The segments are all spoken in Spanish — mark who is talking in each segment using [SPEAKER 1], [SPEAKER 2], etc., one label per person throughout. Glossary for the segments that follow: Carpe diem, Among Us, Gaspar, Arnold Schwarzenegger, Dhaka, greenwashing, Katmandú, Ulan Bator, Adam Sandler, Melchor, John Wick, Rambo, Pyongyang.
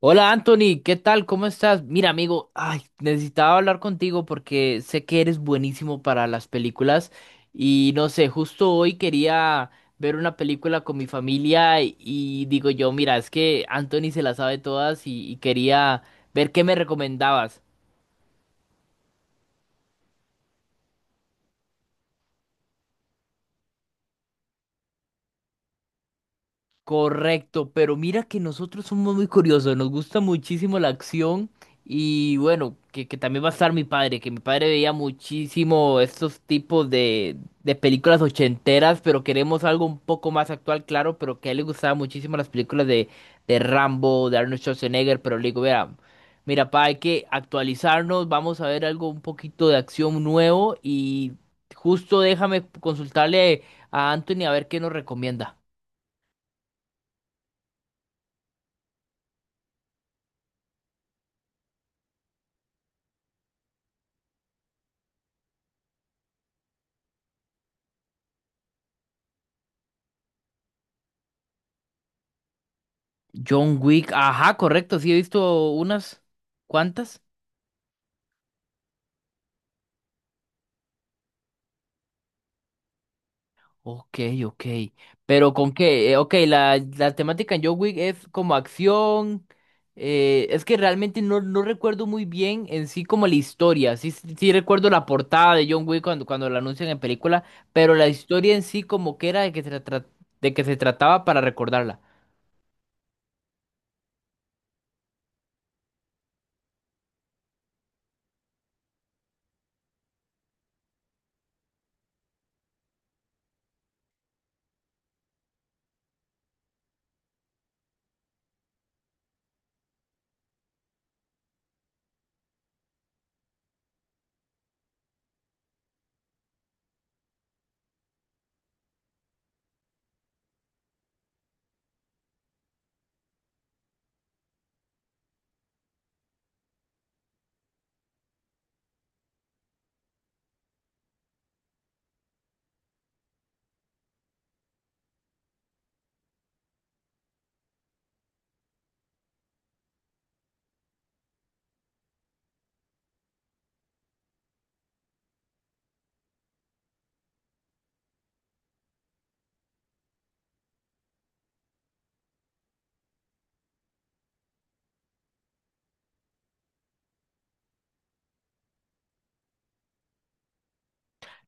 [SPEAKER 1] Hola Anthony, ¿qué tal? ¿Cómo estás? Mira, amigo, ay, necesitaba hablar contigo porque sé que eres buenísimo para las películas y no sé, justo hoy quería ver una película con mi familia y digo yo, mira, es que Anthony se la sabe todas y quería ver qué me recomendabas. Correcto, pero mira que nosotros somos muy curiosos, nos gusta muchísimo la acción y bueno, que también va a estar mi padre, que mi padre veía muchísimo estos tipos de películas ochenteras, pero queremos algo un poco más actual, claro, pero que a él le gustaban muchísimo las películas de Rambo, de Arnold Schwarzenegger, pero le digo, mira, mira, pa, hay que actualizarnos, vamos a ver algo un poquito de acción nuevo y justo déjame consultarle a Anthony a ver qué nos recomienda. John Wick, ajá, correcto, sí he visto unas cuantas. Ok, ok. Pero con qué, ok, la temática en John Wick es como acción. Es que realmente no, no recuerdo muy bien en sí como la historia. Sí, sí sí recuerdo la portada de John Wick cuando, cuando la anuncian en película, pero la historia en sí como que era de que se, de que se trataba para recordarla.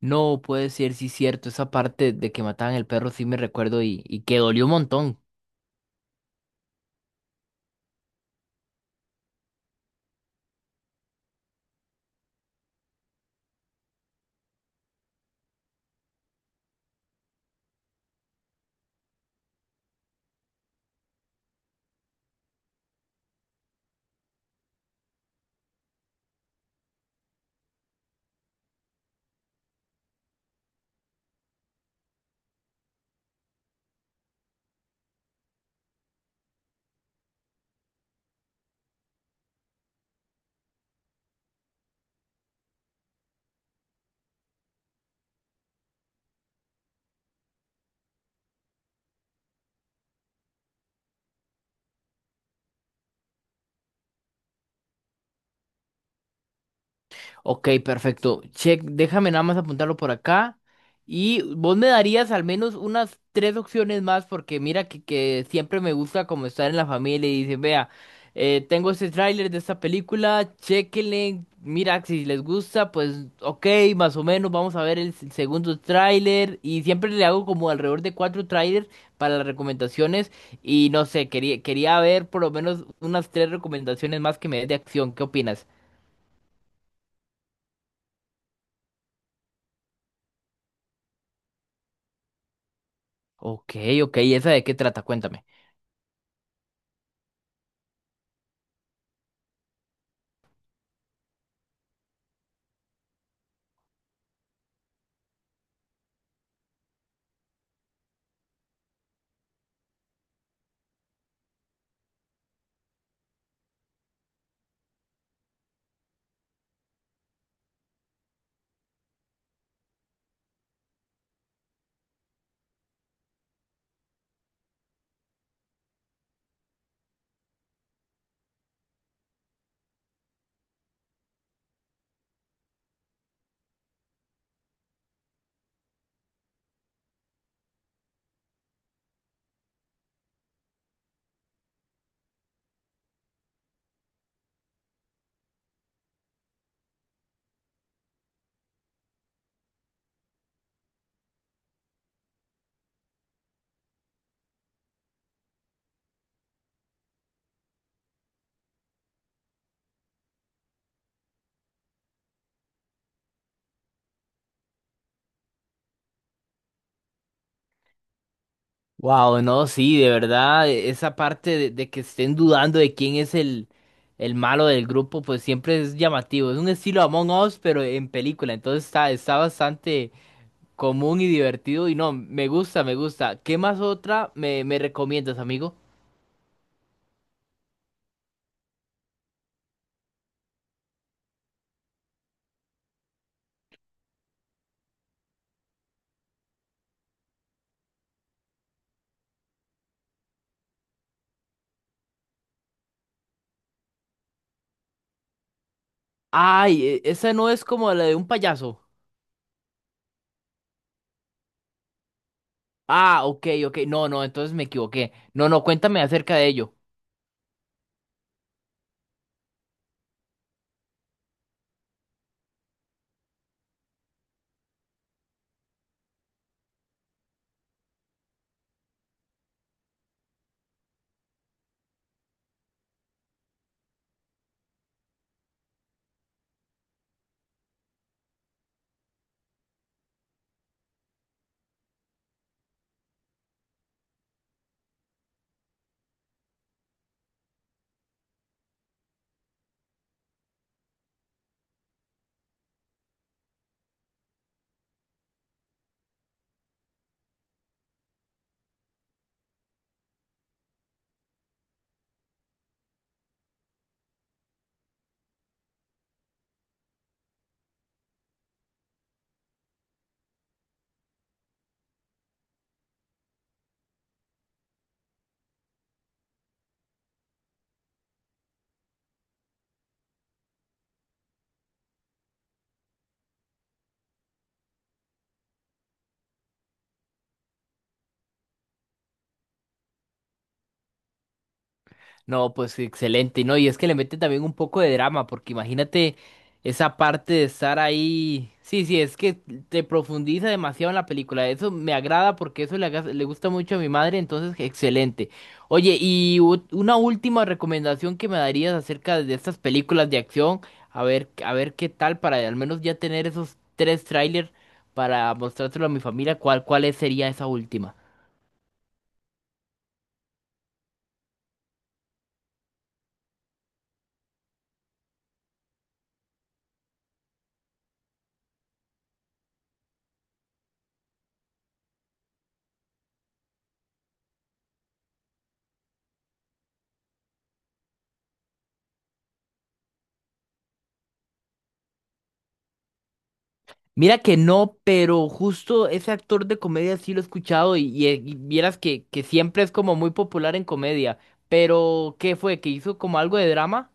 [SPEAKER 1] No puede ser, sí cierto, esa parte de que mataban el perro sí me recuerdo y que dolió un montón. Ok, perfecto. Check, déjame nada más apuntarlo por acá. Y vos me darías al menos unas 3 opciones más, porque mira que siempre me gusta como estar en la familia y dice, vea, tengo este tráiler de esta película, chéquenle, mira si les gusta, pues ok, más o menos, vamos a ver el segundo tráiler. Y siempre le hago como alrededor de 4 tráilers para las recomendaciones. Y no sé, quería ver por lo menos unas 3 recomendaciones más que me des de acción. ¿Qué opinas? Ok, ok, ¿y esa de qué trata? Cuéntame. Wow, no, sí, de verdad, esa parte de que estén dudando de quién es el malo del grupo, pues siempre es llamativo. Es un estilo Among Us, pero en película, entonces está, está bastante común y divertido. Y no, me gusta, me gusta. ¿Qué más otra me, me recomiendas, amigo? Ay, esa no es como la de un payaso. Ah, ok, ok, no, no, entonces me equivoqué. No, no, cuéntame acerca de ello. No, pues excelente, ¿no? Y es que le mete también un poco de drama, porque imagínate esa parte de estar ahí. Sí, sí, es que te profundiza demasiado en la película. Eso me agrada porque eso le, le gusta mucho a mi madre, entonces excelente. Oye, y una última recomendación que me darías acerca de estas películas de acción, a ver qué tal para al menos ya tener esos 3 trailers para mostrárselo a mi familia, ¿cuál sería esa última? Mira que no, pero justo ese actor de comedia sí lo he escuchado y y vieras que siempre es como muy popular en comedia. Pero, ¿qué fue? ¿Que hizo como algo de drama?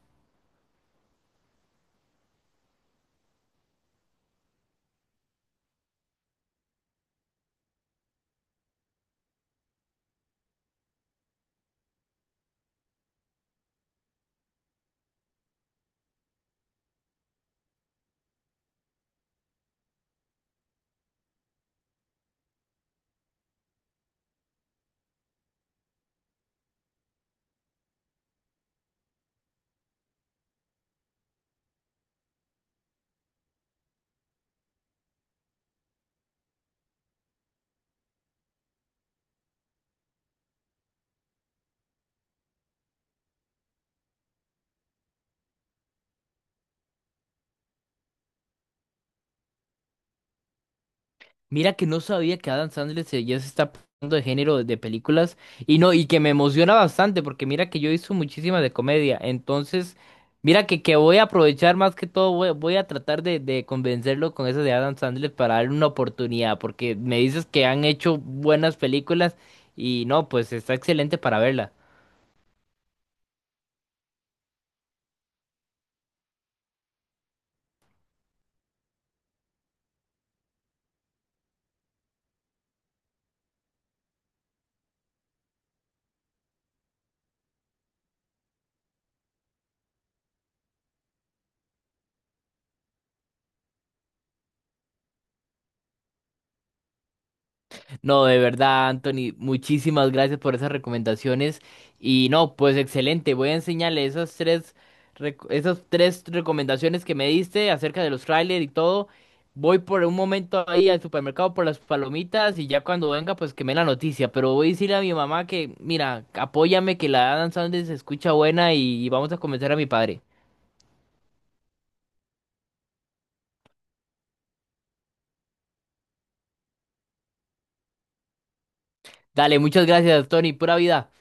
[SPEAKER 1] Mira que no sabía que Adam Sandler ya se está pasando de género de películas y no, y que me emociona bastante porque mira que yo hizo muchísimas de comedia, entonces mira que voy a aprovechar más que todo, voy a tratar de convencerlo con eso de Adam Sandler para darle una oportunidad porque me dices que han hecho buenas películas y no, pues está excelente para verla. No, de verdad, Anthony, muchísimas gracias por esas recomendaciones. Y no, pues excelente, voy a enseñarle esas 3 recomendaciones que me diste acerca de los trailers y todo. Voy por un momento ahí al supermercado por las palomitas y ya cuando venga, pues que me dé la noticia. Pero voy a decirle a mi mamá que, mira, apóyame, que la Adam Sandler se escucha buena y vamos a convencer a mi padre. Dale, muchas gracias, Tony, pura vida.